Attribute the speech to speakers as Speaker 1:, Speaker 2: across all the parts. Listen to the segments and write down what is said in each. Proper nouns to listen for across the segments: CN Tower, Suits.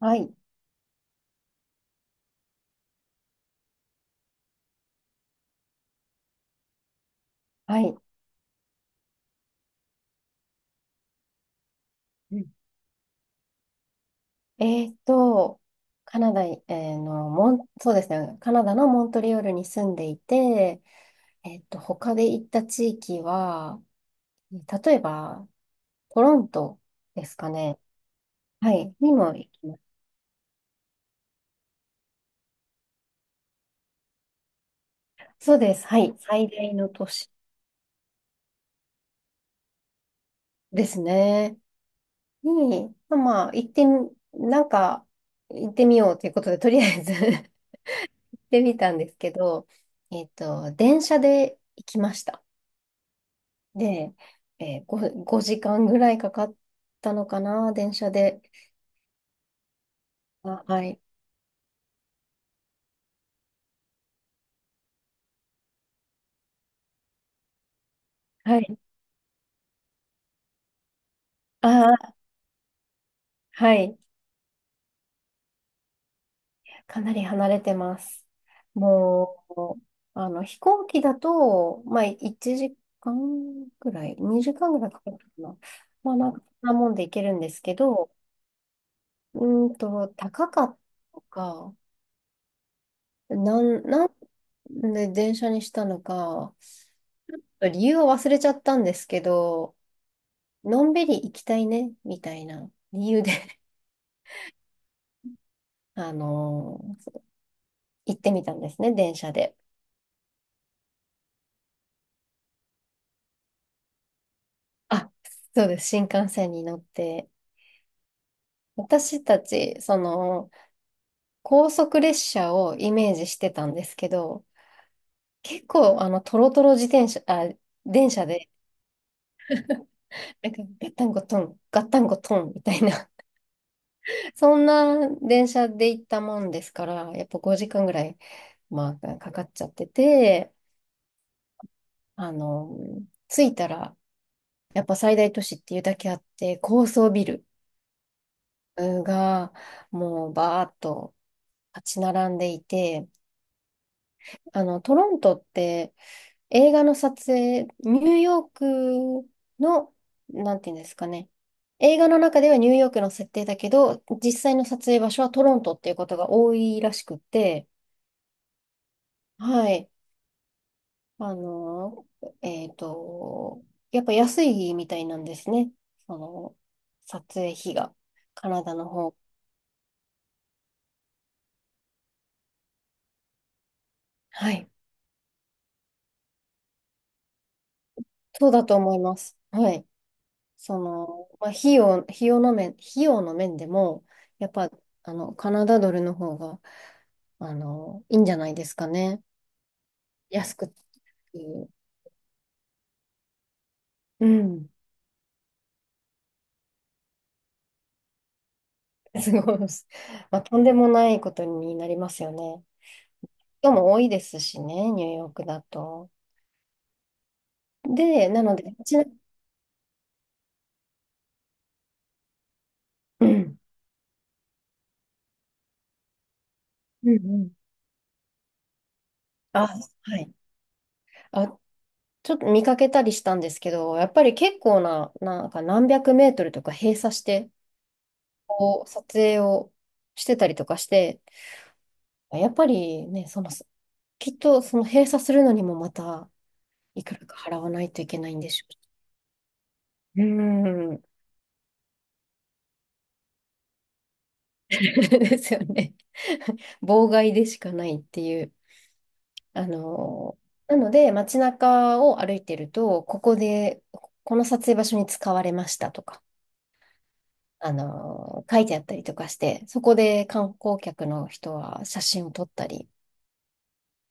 Speaker 1: はい、はい。うん。えーっと、カナダ、えーの、モン、そうですね、カナダのモントリオールに住んでいて、他で行った地域は、例えば、トロントですかね。はい、にも行きました。そうです、はい、最大の都市ですね。に、まあ、まあ行ってみ、なんか、行ってみようということで、とりあえず 行ってみたんですけど、電車で行きました。で、5時間ぐらいかかったのかな、電車で。あ、はい。はい。あー、はい。かなり離れてます。もう、あの、飛行機だと、まあ、1時間ぐらい、2時間ぐらいかかるかな。まあ、なんか、そんなもんで行けるんですけど、高かったのか、なんで電車にしたのか、理由は忘れちゃったんですけど、のんびり行きたいね、みたいな理由で あのー行ってみたんですね、電車で。あ、そうです、新幹線に乗って。私たち、その、高速列車をイメージしてたんですけど、結構、あの、トロトロ自転車、あ、電車で、なんか、ガッタンゴトン、ガッタンゴトン、みたいな、そんな電車で行ったもんですから、やっぱ5時間ぐらい、まあ、かかっちゃってて、あの、着いたら、やっぱ最大都市っていうだけあって、高層ビルがもうバーッと立ち並んでいて、あの、トロントって映画の撮影、ニューヨークの、なんていうんですかね。映画の中ではニューヨークの設定だけど、実際の撮影場所はトロントっていうことが多いらしくて、はい。あの、えっと、やっぱ安いみたいなんですね。その、撮影費が、カナダの方。はい。そうだと思います。はい。その、まあ、費用の面でも、やっぱ、あの、カナダドルの方が、あの、いいんじゃないですかね。安くっていう。うん。すごい。まあ、とんでもないことになりますよね。人も多いですしね、ニューヨークだと。で、なので、うん。うんうん。あ、はい。あ、ちょっと見かけたりしたんですけど、やっぱり結構な、なんか何百メートルとか閉鎖して、こう撮影をしてたりとかして、やっぱりね、その、きっとその閉鎖するのにもまたいくらか払わないといけないんでしょう。うーん。ですよね。妨害でしかないっていう。なので、街中を歩いてると、ここで、この撮影場所に使われましたとか、書いてあったりとかして、そこで観光客の人は写真を撮ったり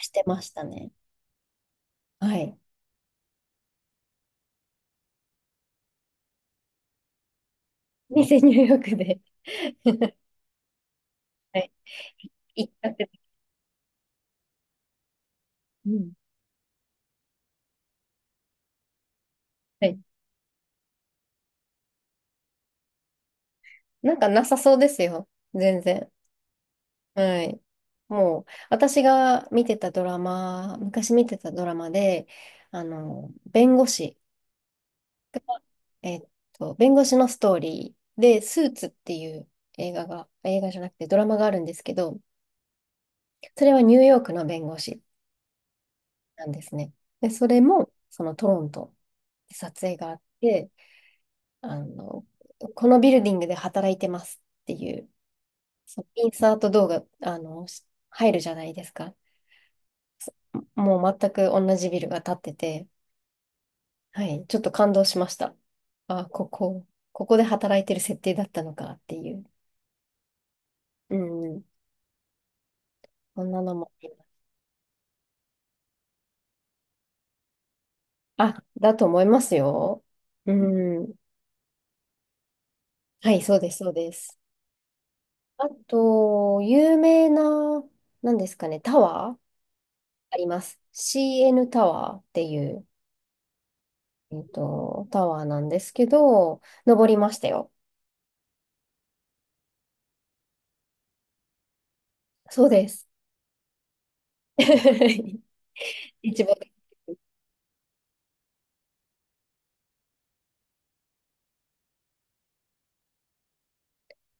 Speaker 1: してましたね。はい。偽入浴で はい。行っちゃってて。うん。はい。なんかなさそうですよ。全然。はい。もう、私が見てたドラマ、昔見てたドラマで、あの、えっ弁護士のストーリーで、スーツっていう映画が、映画じゃなくてドラマがあるんですけど、それはニューヨークの弁護士なんですね。で、それも、そのトロントで撮影があって、あの、このビルディングで働いてますっていうそう、インサート動画、あの、入るじゃないですか。もう全く同じビルが建ってて、はい、ちょっと感動しました。あ、ここで働いてる設定だったのかっていう。うん、こんなのもあります。あ、だと思いますよ。うん、はい、そうです、そうです。あと、有名な、なんですかね、タワーあります。CN タワーっていう、タワーなんですけど、登りましたよ。そうです。一番。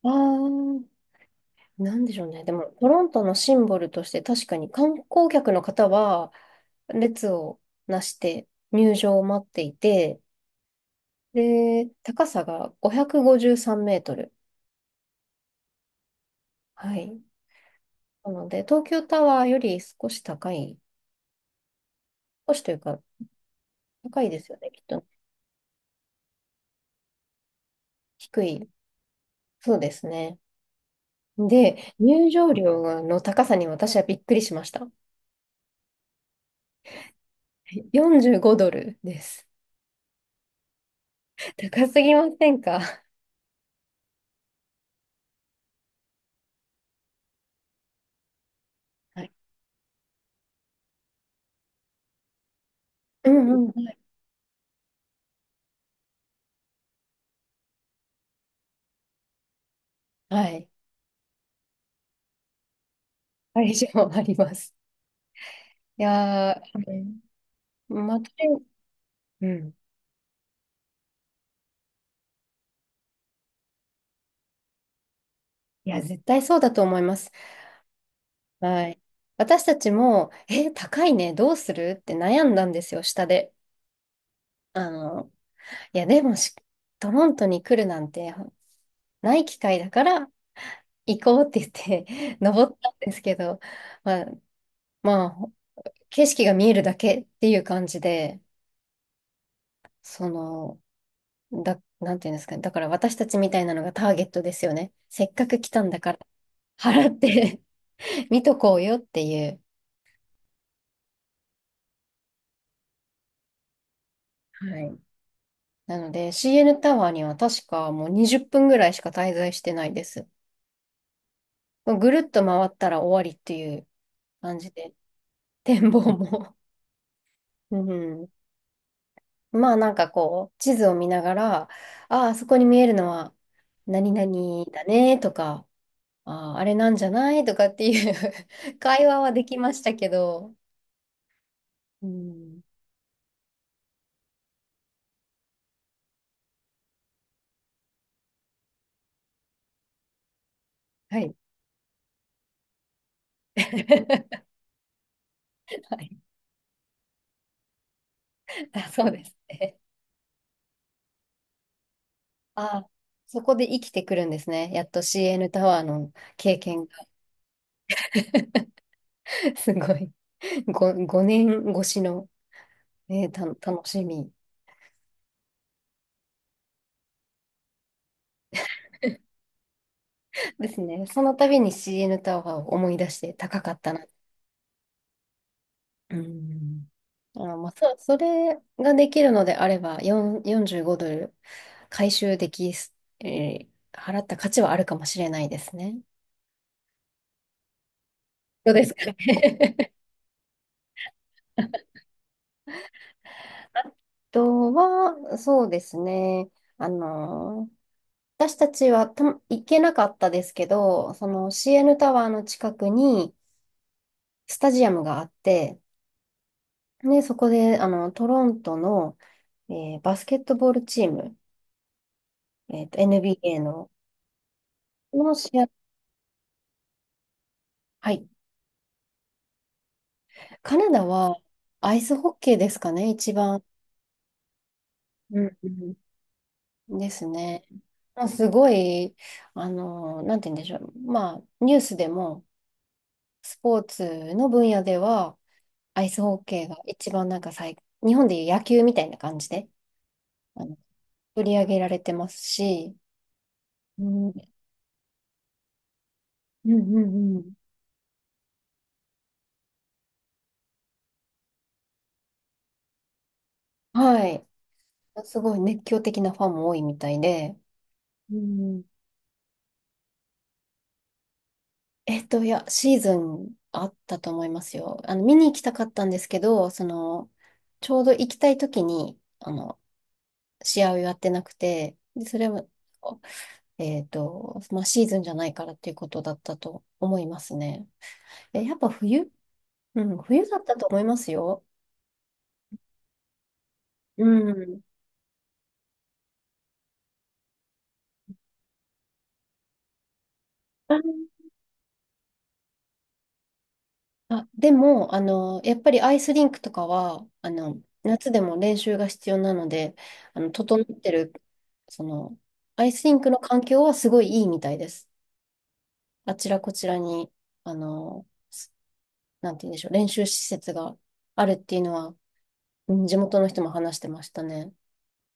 Speaker 1: ああ、なんでしょうね。でも、トロントのシンボルとして確かに観光客の方は列をなして入場を待っていて、で、高さが553メートル。はい。なので、東京タワーより少し高い、少しというか高いですよね、きっと。低い。そうですね。で、入場料の高さに私はびっくりしました。45ドルです。高すぎませんか？はい。うん、うん。はい。会場あります。いやー、うん、まあ、とりあえずうん。いや、絶対そうだと思います。はい。私たちも、高いね、どうするって悩んだんですよ、下で。あの、いや、でもし、トロントに来るなんてない機会だから行こうって言って 登ったんですけど、まあ、まあ、景色が見えるだけっていう感じで、その、なんていうんですかね。だから私たちみたいなのがターゲットですよね。せっかく来たんだから払って 見とこうよっていう。はい。なので CN タワーには確かもう20分ぐらいしか滞在してないです。ぐるっと回ったら終わりっていう感じで、展望も うん。まあなんかこう、地図を見ながら、ああ、そこに見えるのは何々だねとか、ああ、あれなんじゃないとかっていう 会話はできましたけど、うん、はい。はい。あ、そうですね。あ、そこで生きてくるんですね。やっと CN タワーの経験が。すごい。5、年越しの、ね、楽しみですね。その度に CN タワーを思い出して高かったな。うん。あ、まあ、それができるのであれば、4、45ドル回収できす、払った価値はあるかもしれないですね。どうですかね。とは、そうですね。あの、私たちは行けなかったですけど、その CN タワーの近くにスタジアムがあって、で、そこで、あの、トロントの、バスケットボールチーム、NBA の、の試合、はい。カナダはアイスホッケーですかね、一番。うんうんですね。まあ、すごい、あの、なんて言うんでしょう。まあ、ニュースでも、スポーツの分野では、アイスホッケーが一番なんか日本でいう野球みたいな感じで、あの、取り上げられてますし、うん、うんうんうん。はい。すごい熱狂的なファンも多いみたいで、うん、いや、シーズンあったと思いますよ。あの、見に行きたかったんですけど、その、ちょうど行きたい時に、あの、試合をやってなくて、で、それも、まあ、シーズンじゃないからっていうことだったと思いますね。やっぱ冬うん、冬だったと思いますよ。うん。ああ、でも、あの、やっぱりアイスリンクとかは、あの、夏でも練習が必要なので、あの、整ってる、その、アイスリンクの環境はすごいいいみたいです。あちらこちらに、あの、なんて言うんでしょう、練習施設があるっていうのは、うん、地元の人も話してましたね。